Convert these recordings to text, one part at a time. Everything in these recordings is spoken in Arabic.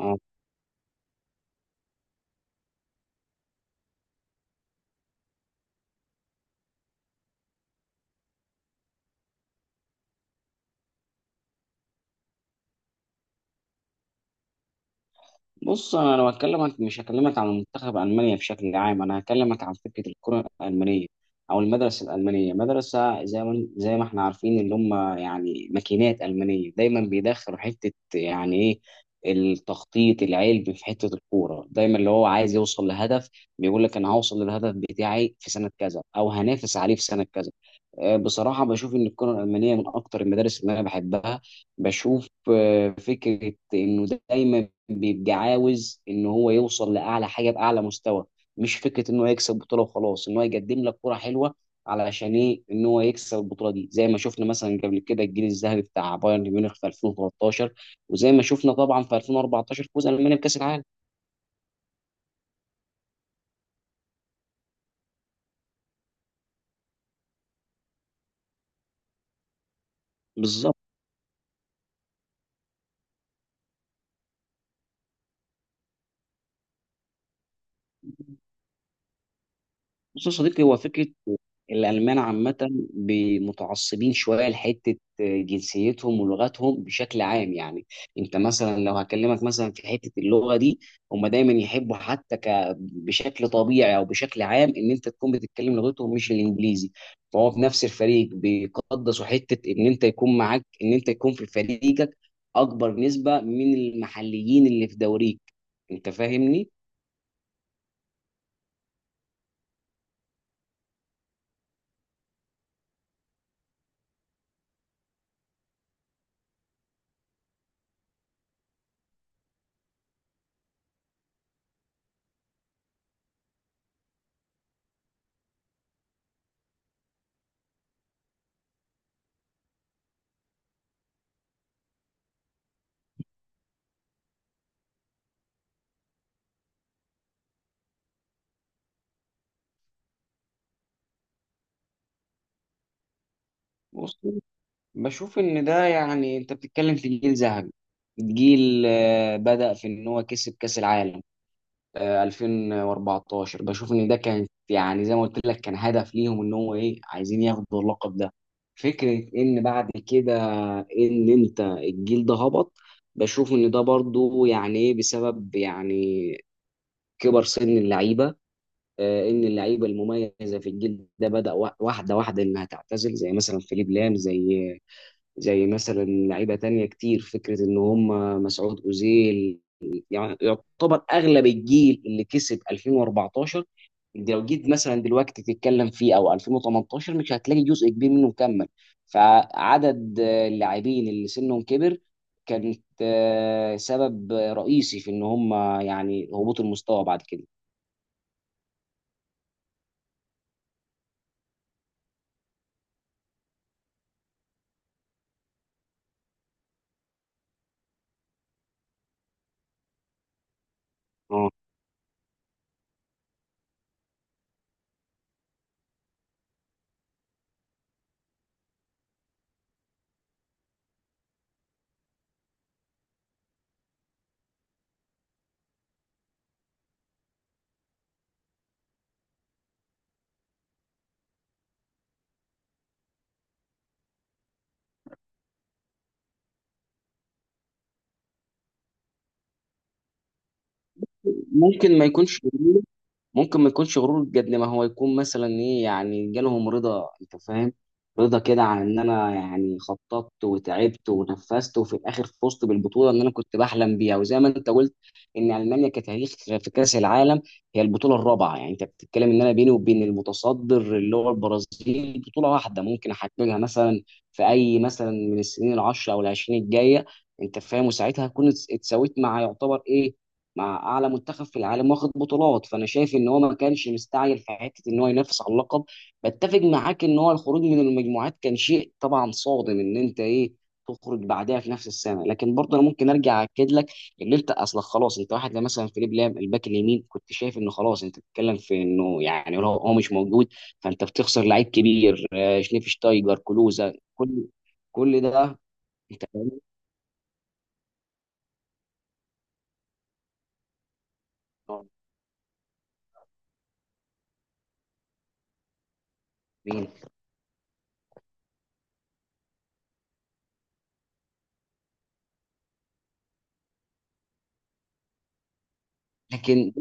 آه، بص انا لو هكلمك مش هكلمك عن منتخب المانيا بشكل عام. انا هكلمك عن فكره الكره الالمانيه او المدرسه الالمانيه، مدرسه زي ما احنا عارفين، اللي هم يعني ماكينات المانيه. دايما بيدخلوا حته يعني ايه التخطيط العلمي في حته الكوره. دايما اللي هو عايز يوصل لهدف بيقول لك انا هوصل للهدف بتاعي في سنه كذا او هنافس عليه في سنه كذا. بصراحه بشوف ان الكره الالمانيه من اكتر المدارس اللي انا بحبها. بشوف فكره انه دايما بيبقى عاوز ان هو يوصل لاعلى حاجه باعلى مستوى، مش فكره ان هو يكسب بطوله وخلاص. ان هو يقدم لك كره حلوه، علشان ايه؟ ان هو يكسب البطوله دي، زي ما شفنا مثلا قبل كده الجيل الذهبي بتاع بايرن ميونخ في 2013، وزي ما شفنا طبعا في 2014 فوز المانيا بكاس العالم. بالظبط. بص يا صديقي، هو فكرة الألمان عامة متعصبين شوية لحتة جنسيتهم ولغتهم بشكل عام. يعني أنت مثلا لو هكلمك مثلا في حتة اللغة دي، هم دايما يحبوا حتى بشكل طبيعي أو بشكل عام إن أنت تكون بتتكلم لغتهم مش الإنجليزي. فهو في نفس الفريق بيقدسوا حتة إن أنت يكون معاك، إن أنت يكون في فريقك أكبر نسبة من المحليين اللي في دوريك. أنت فاهمني؟ بشوف ان ده يعني انت بتتكلم في جيل ذهبي، جيل بدأ في ان هو كسب كأس العالم 2014. بشوف ان ده كان يعني زي ما قلت لك، كان هدف ليهم ان هو ايه؟ عايزين ياخدوا اللقب ده. فكرة ان بعد كده ان انت الجيل ده هبط، بشوف ان ده برضو يعني ايه بسبب يعني كبر سن اللعيبة. ان اللعيبة المميزة في الجيل ده بدأ واحدة واحدة انها تعتزل، زي مثلا فيليب لام، زي مثلا لعيبه تانية كتير. فكره ان هم مسعود اوزيل، يعني يعتبر اغلب الجيل اللي كسب 2014، لو جيت مثلا دلوقتي تتكلم فيه او 2018 مش هتلاقي جزء كبير منه مكمل. فعدد اللاعبين اللي سنهم كبر كانت سبب رئيسي في ان هم يعني هبوط المستوى بعد كده. اه. ممكن ما يكونش ممكن ما يكونش غرور قد ما هو يكون مثلا ايه، يعني جالهم رضا. انت فاهم؟ رضا كده عن ان انا يعني خططت وتعبت ونفذت وفي الاخر فزت بالبطوله اللي انا كنت بحلم بيها. وزي ما انت قلت ان المانيا كتاريخ في كاس العالم، هي البطوله الرابعه. يعني انت بتتكلم ان انا بيني وبين المتصدر اللي هو البرازيل بطوله واحده ممكن احققها مثلا في اي مثلا من السنين العشره او العشرين الجايه. انت فاهم؟ وساعتها هكون اتساويت مع يعتبر ايه، مع اعلى منتخب في العالم واخد بطولات. فانا شايف ان هو ما كانش مستعجل في حته ان هو ينافس على اللقب. بتفق معاك ان هو الخروج من المجموعات كان شيء طبعا صادم، ان انت ايه؟ تخرج بعدها في نفس السنه. لكن برضه انا ممكن ارجع اكد لك ان انت اصلا خلاص، انت واحد زي مثلا فيليب لام، الباك اليمين، كنت شايف انه خلاص. انت بتتكلم في انه يعني لو هو مش موجود فانت بتخسر لعيب كبير. شنيفشتايجر، كلوزا، كل كل ده. انت فاهمني؟ لكن.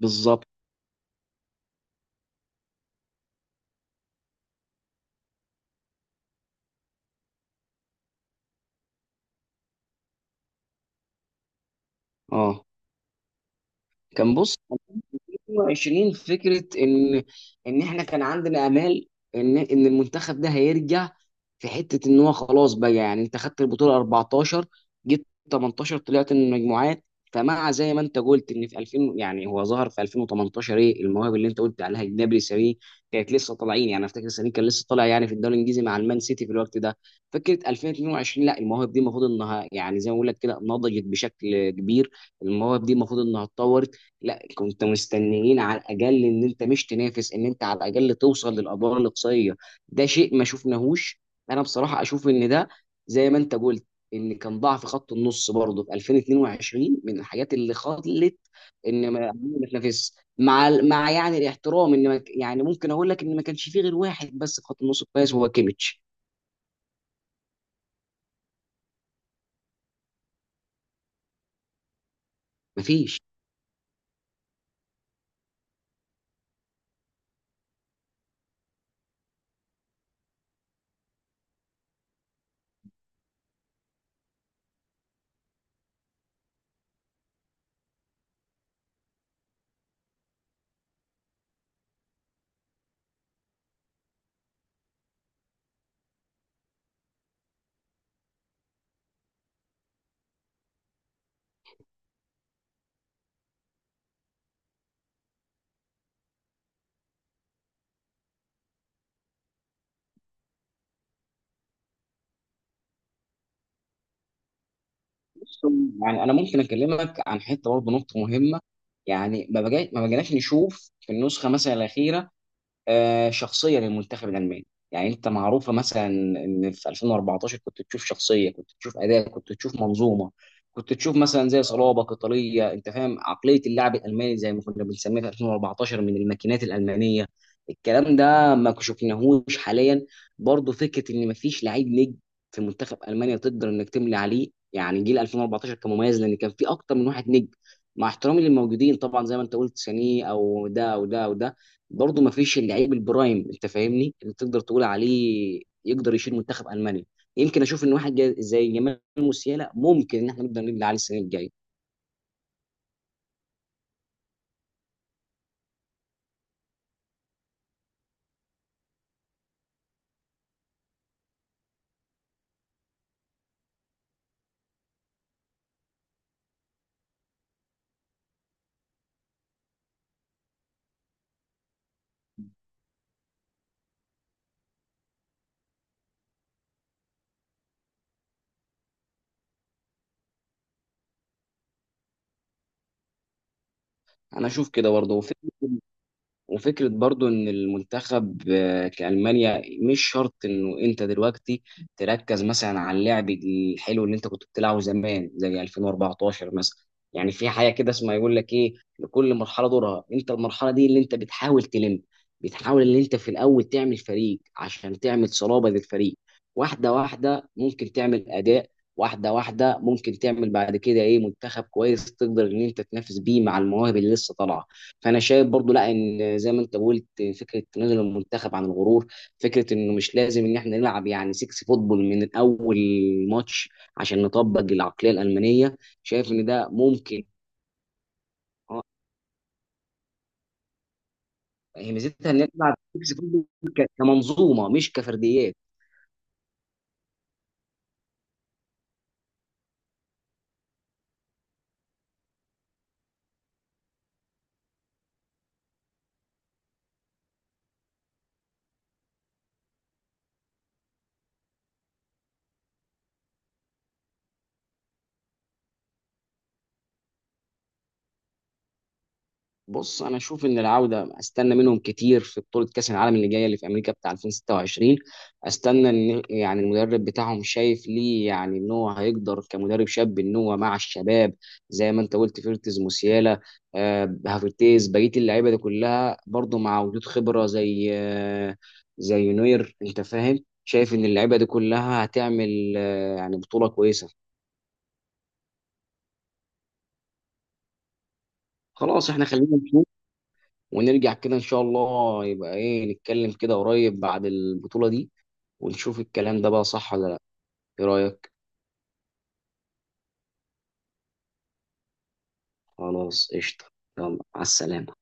بالظبط. اه. بص، 2020 فكره ان احنا كان عندنا امال ان المنتخب ده هيرجع، في حته ان هو خلاص بقى. يعني انت خدت البطوله 14، جيت 18 طلعت من المجموعات. فمع زي ما انت قلت ان في 2000، يعني هو ظهر في 2018، ايه المواهب اللي انت قلت عليها؟ جنابري، ساري، كانت لسه طالعين. يعني افتكر ساري كان لسه طالع يعني في الدوري الانجليزي مع المان سيتي في الوقت ده. فكره 2022، لا، المواهب دي المفروض انها يعني زي ما بقول لك كده نضجت بشكل كبير. المواهب دي المفروض انها تطور. لا، كنت مستنيين على الاقل ان انت مش تنافس، ان انت على الاقل توصل للادوار الاقصائيه. ده شيء ما شفناهوش. انا بصراحه اشوف ان ده، زي ما انت قلت، ان كان ضعف خط النص برضه في 2022 من الحاجات اللي خلت ان ما تنافس مع ال- مع يعني الاحترام. ان ما ك- يعني ممكن اقول لك ان ما كانش فيه غير واحد بس في خط النص كويس وهو كيميتش. مفيش. بص، يعني انا ممكن اكلمك عن حته برضه نقطه مهمه. يعني ما بقيناش نشوف في النسخه مثلا الاخيره شخصيه للمنتخب الالماني. يعني انت معروفه مثلا ان في 2014 كنت تشوف شخصيه، كنت تشوف اداء، كنت تشوف منظومه، كنت تشوف مثلا زي صلابه قتاليه. انت فاهم عقليه اللاعب الالماني زي ما كنا بنسميها في 2014 من الماكينات الالمانيه. الكلام ده ما شفناهوش حاليا. برضو فكره ان مفيش لعيب نجم في منتخب المانيا تقدر انك تملي عليه. يعني جيل 2014 كان مميز لان كان في اكتر من واحد نجم. مع احترامي للموجودين طبعا، زي ما انت قلت، سانيه او ده او ده او ده، برضه ما فيش اللعيب البرايم. انت فاهمني؟ اللي تقدر تقول عليه يقدر يشيل منتخب المانيا. يمكن اشوف ان واحد زي جمال موسيالا ممكن ان احنا نقدر نبني عليه السنه الجايه. انا اشوف كده برضه. وفكرة برضو إن المنتخب كألمانيا، مش شرط إنه أنت دلوقتي تركز مثلا على اللعب الحلو اللي أنت كنت بتلعبه زمان زي 2014 مثلا. يعني في حاجة كده اسمها يقول لك إيه؟ لكل مرحلة دورها. أنت المرحلة دي اللي أنت بتحاول تلم، بتحاول إن أنت في الأول تعمل فريق عشان تعمل صلابة للفريق. واحدة واحدة ممكن تعمل أداء، واحدة واحدة ممكن تعمل بعد كده إيه، منتخب كويس تقدر إن أنت تنافس بيه مع المواهب اللي لسه طالعة. فانا شايف برضو لا، ان زي ما انت قلت، فكره تنازل المنتخب عن الغرور، فكره انه مش لازم ان احنا نلعب يعني 6 فوتبول من اول ماتش عشان نطبق العقليه الالمانيه. شايف ان ده ممكن. اه. هي ميزتها ان نلعب 6 فوتبول كمنظومه مش كفرديات. بص انا اشوف ان العوده، استنى منهم كتير في بطوله كاس العالم اللي جايه اللي في امريكا بتاع 2026. استنى ان يعني المدرب بتاعهم شايف ليه يعني ان هو هيقدر كمدرب شاب ان هو مع الشباب، زي ما انت قلت، فيرتز، موسيالا، هافرتيز، بقيه اللعيبه دي كلها. برضه مع وجود خبره زي نوير. انت فاهم؟ شايف ان اللعيبه دي كلها هتعمل يعني بطوله كويسه. خلاص، احنا خلينا نشوف ونرجع كده ان شاء الله، يبقى ايه، نتكلم كده قريب بعد البطولة دي ونشوف الكلام ده بقى صح ولا لا. ايه رأيك؟ خلاص قشطة. يلا على السلامة.